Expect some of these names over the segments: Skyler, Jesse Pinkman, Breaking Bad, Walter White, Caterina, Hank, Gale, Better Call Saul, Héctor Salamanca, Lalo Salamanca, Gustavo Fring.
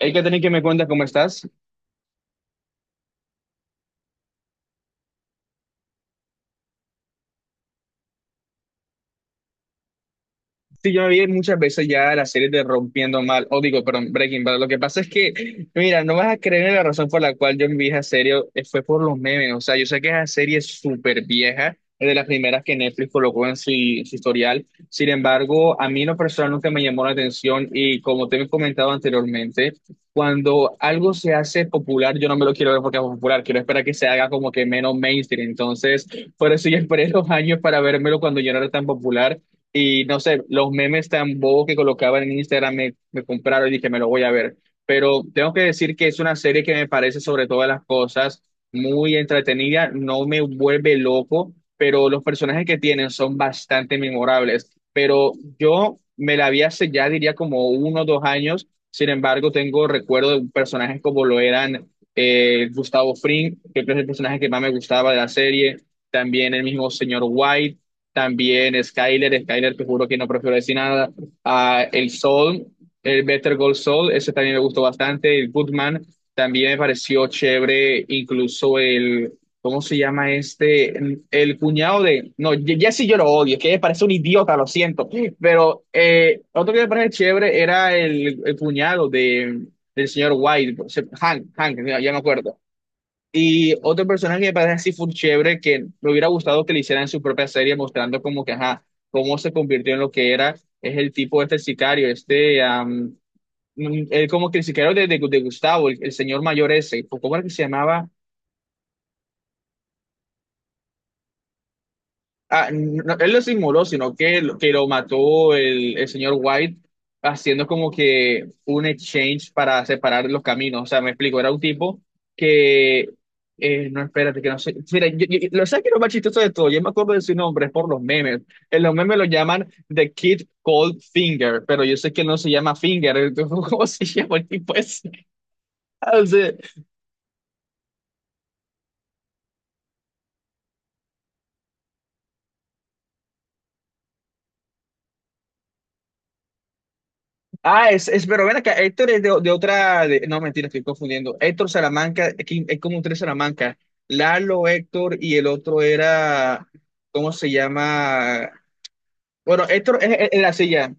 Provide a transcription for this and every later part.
Hay que tener que me cuentas cómo estás. Sí, yo me vi muchas veces ya la serie de Rompiendo Mal, o digo, perdón, Breaking Bad. Lo que pasa es que, mira, no vas a creer en la razón por la cual yo me vi esa serie, fue por los memes. O sea, yo sé que esa serie es súper vieja, es de las primeras que Netflix colocó en su historial. Sin embargo, a mí en lo personal nunca me llamó la atención y, como te he comentado anteriormente, cuando algo se hace popular, yo no me lo quiero ver porque es popular, quiero esperar que se haga como que menos mainstream. Entonces, por eso yo esperé los años para vérmelo cuando yo no era tan popular. Y no sé, los memes tan bobos que colocaban en Instagram me compraron y dije, me lo voy a ver. Pero tengo que decir que es una serie que me parece, sobre todas las cosas, muy entretenida. No me vuelve loco, pero los personajes que tienen son bastante memorables. Pero yo me la vi hace ya, diría, como uno o dos años. Sin embargo, tengo recuerdo de personajes como lo eran Gustavo Fring, que creo que es el personaje que más me gustaba de la serie, también el mismo señor White, también Skyler. Skyler, te juro que no prefiero decir nada. Ah, el Sol, el Better Gold Sol, ese también me gustó bastante. El Goodman también me pareció chévere. Incluso el, ¿cómo se llama este? El cuñado de. No, Jesse, yo lo odio, que me parece un idiota, lo siento. Pero otro que me parece chévere era el cuñado de, del señor White, Hank. Hank, ya me acuerdo. Y otro personaje que me parece así full chévere, que me hubiera gustado que le hicieran su propia serie mostrando como que, ajá, cómo se convirtió en lo que era, es el tipo este, el sicario, el como que el sicario de Gustavo, el señor mayor ese, ¿cómo era que se llamaba? Ah, no, él lo simuló, sino que, que lo mató el señor White haciendo como que un exchange para separar los caminos. O sea, me explico, era un tipo que... no, espérate, que no sé. Mira, lo sabes que lo más chistoso de todo, yo me acuerdo de su nombre es por los memes. En los memes lo llaman The Kid Cold Finger, pero yo sé que no se llama Finger, entonces, ¿cómo se llama el tipo ese? Ah, pero ven acá, Héctor es de otra, no, mentira, estoy confundiendo. Héctor Salamanca, aquí hay como tres Salamanca. Lalo, Héctor y el otro era, ¿cómo se llama? Bueno, Héctor es la silla.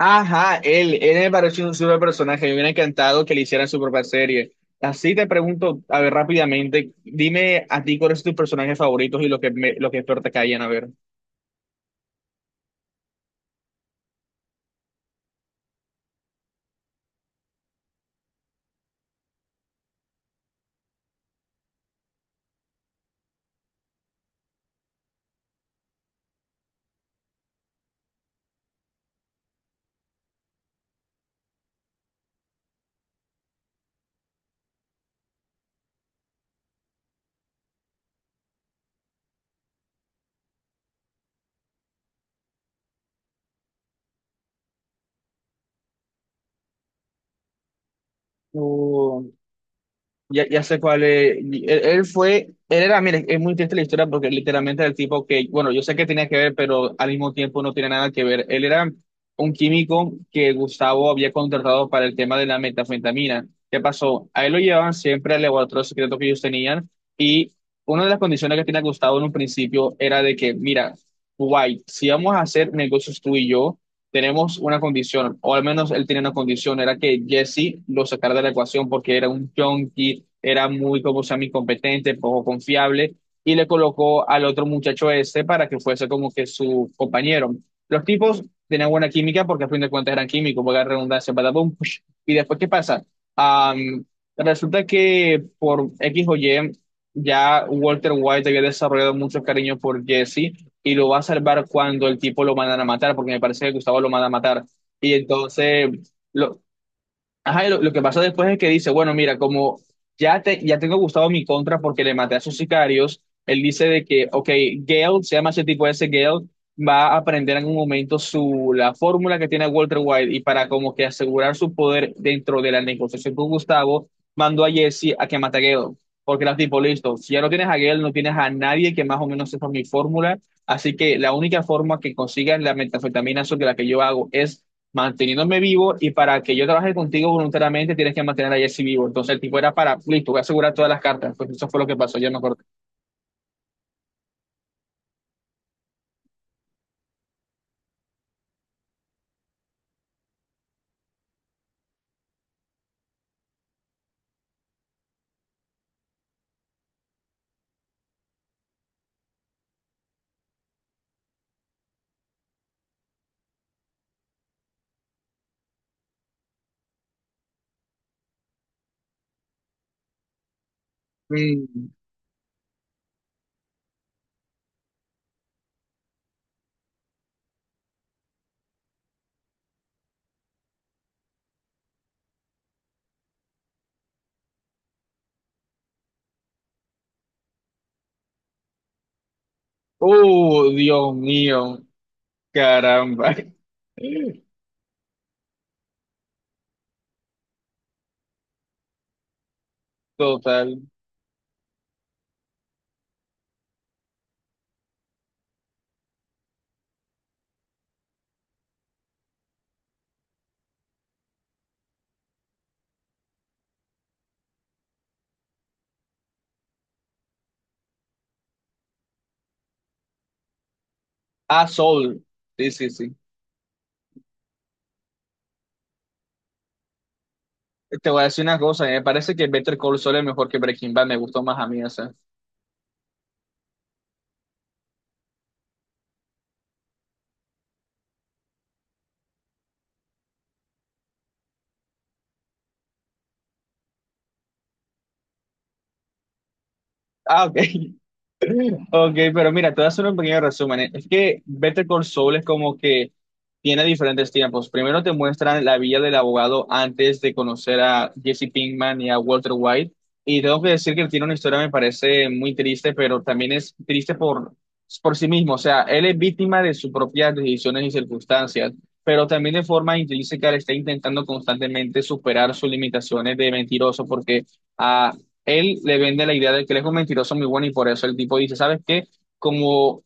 Ajá, él me pareció un super personaje, me hubiera encantado que le hicieran su propia serie. Así te pregunto, a ver, rápidamente, dime a ti cuáles son tus personajes favoritos y los que, los que peor te caían, a ver. Ya, ya sé cuál es. Él fue, él era, mire, es muy triste la historia porque literalmente era el tipo que, bueno, yo sé que tenía que ver, pero al mismo tiempo no tiene nada que ver. Él era un químico que Gustavo había contratado para el tema de la metanfetamina. ¿Qué pasó? A él lo llevaban siempre al laboratorio secreto que ellos tenían y una de las condiciones que tenía Gustavo en un principio era de que, mira, White, si vamos a hacer negocios tú y yo, tenemos una condición, o al menos él tenía una condición, era que Jesse lo sacara de la ecuación porque era un junkie, era muy, como se llama, incompetente, poco confiable, y le colocó al otro muchacho ese para que fuese como que su compañero. Los tipos tenían buena química porque a fin de cuentas eran químicos, porque la redundancia, badabum, push. Y después, ¿qué pasa? Am, resulta que por X o Y, ya Walter White había desarrollado mucho cariño por Jesse y lo va a salvar cuando el tipo lo mandan a matar, porque me parece que Gustavo lo manda a matar. Y entonces, lo, ajá, lo que pasa después es que dice, bueno, mira, como ya tengo Gustavo mi contra porque le maté a sus sicarios, él dice de que, ok, Gale, se llama ese tipo ese, Gale va a aprender en un momento la fórmula que tiene Walter White, y para como que asegurar su poder dentro de la negociación con Gustavo, mandó a Jesse a que mate a Gale, porque era tipo, listo, si ya no tienes a Gale, no tienes a nadie que más o menos sepa mi fórmula, así que la única forma que consigas la metanfetamina sobre la que yo hago es manteniéndome vivo, y para que yo trabaje contigo voluntariamente tienes que mantener a Jesse vivo. Entonces el tipo era para, listo, voy a asegurar todas las cartas. Pues eso fue lo que pasó, yo no acuerdo. Mm. Oh, Dios mío, caramba. Total. Ah, Sol. Sí, sí, sí. Te voy a decir una cosa, me parece que Better Call Saul es mejor que Breaking Bad, me gustó más a mí, o sea. Ah, ok. Ok, pero mira, te voy a hacer un pequeño resumen, ¿eh? Es que Better Call Saul es como que tiene diferentes tiempos. Primero te muestran la vida del abogado antes de conocer a Jesse Pinkman y a Walter White. Y tengo que decir que tiene una historia, me parece muy triste, pero también es triste por sí mismo. O sea, él es víctima de sus propias decisiones y circunstancias, pero también de forma intrínseca le está intentando constantemente superar sus limitaciones de mentiroso porque... ah, él le vende la idea de que él es un mentiroso muy bueno y por eso el tipo dice, ¿sabes qué? Como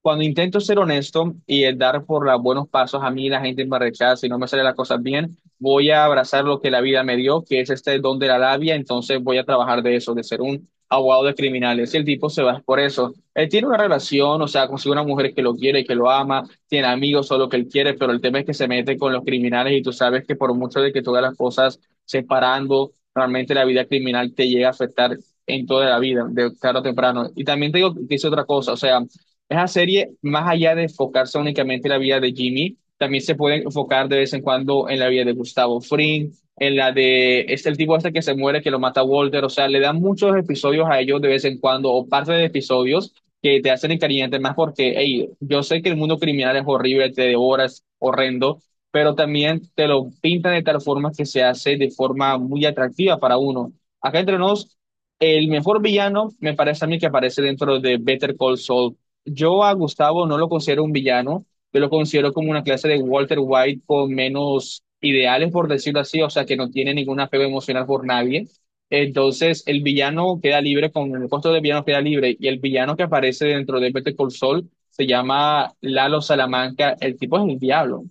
cuando intento ser honesto y el dar por los buenos pasos, a mí la gente me rechaza y no me salen las cosas bien. Voy a abrazar lo que la vida me dio, que es este don de la labia, entonces voy a trabajar de eso, de ser un abogado de criminales. Y el tipo se va por eso. Él tiene una relación, o sea, consigue una mujer que lo quiere y que lo ama, tiene amigos o lo que él quiere, pero el tema es que se mete con los criminales y tú sabes que por mucho de que tú hagas las cosas separando, realmente la vida criminal te llega a afectar en toda la vida, de tarde o temprano. Y también te digo que hice otra cosa, o sea, esa serie, más allá de enfocarse únicamente en la vida de Jimmy, también se puede enfocar de vez en cuando en la vida de Gustavo Fring, en la de este el tipo este que se muere, que lo mata Walter, o sea, le dan muchos episodios a ellos de vez en cuando, o parte de episodios que te hacen encariñarte más porque, hey, yo sé que el mundo criminal es horrible, te devora, es horrendo, pero también te lo pintan de tal forma que se hace de forma muy atractiva para uno. Acá entre nos, el mejor villano me parece a mí que aparece dentro de Better Call Saul. Yo a Gustavo no lo considero un villano, yo lo considero como una clase de Walter White con menos ideales, por decirlo así, o sea, que no tiene ningún apego emocional por nadie. Entonces, el villano queda libre, con el costo de villano queda libre, y el villano que aparece dentro de Better Call Saul se llama Lalo Salamanca, el tipo es el diablo.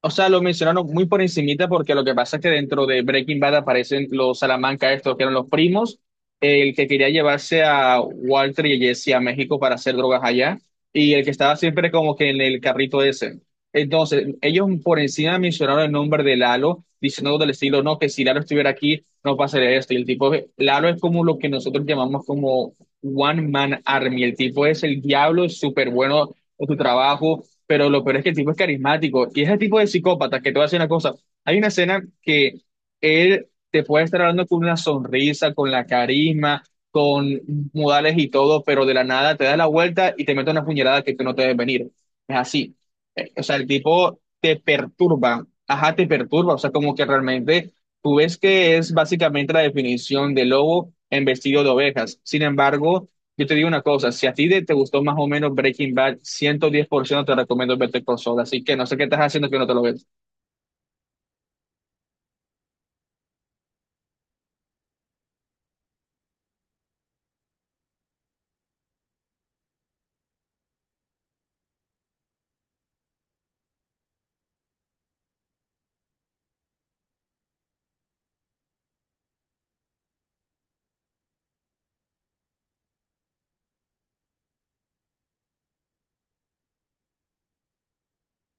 O sea, lo mencionaron muy por encimita porque lo que pasa es que dentro de Breaking Bad aparecen los Salamanca estos que eran los primos, el que quería llevarse a Walter y Jesse a México para hacer drogas allá y el que estaba siempre como que en el carrito ese. Entonces, ellos por encima mencionaron el nombre de Lalo, diciendo del estilo, no, que si Lalo estuviera aquí, no pasaría esto. Y el tipo, Lalo es como lo que nosotros llamamos como One Man Army. El tipo es el diablo, es súper bueno en su trabajo, pero lo peor es que el tipo es carismático y es el tipo de psicópata que, te voy a decir una cosa. Hay una escena que él te puede estar hablando con una sonrisa, con la carisma, con modales y todo, pero de la nada te da la vuelta y te mete una puñalada que tú no te debes venir. Es así. O sea, el tipo te perturba, ajá, te perturba, o sea, como que realmente tú ves que es básicamente la definición de lobo en vestido de ovejas. Sin embargo, yo te digo una cosa, si a ti te gustó más o menos Breaking Bad, 110% te recomiendo verte por Saul, así que no sé qué estás haciendo que no te lo ves.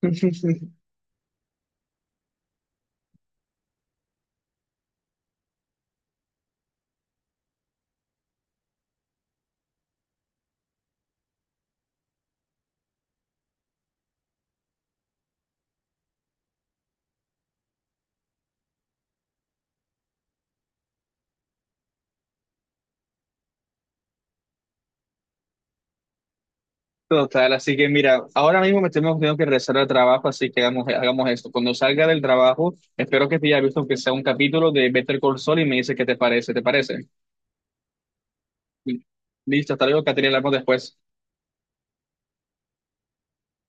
Total, así que mira, ahora mismo me tengo que regresar al trabajo, así que hagamos esto. Cuando salga del trabajo, espero que te haya visto aunque sea un capítulo de Better Call Saul y me dice qué te parece, ¿te parece? Listo, hasta luego, Caterina, hablamos después.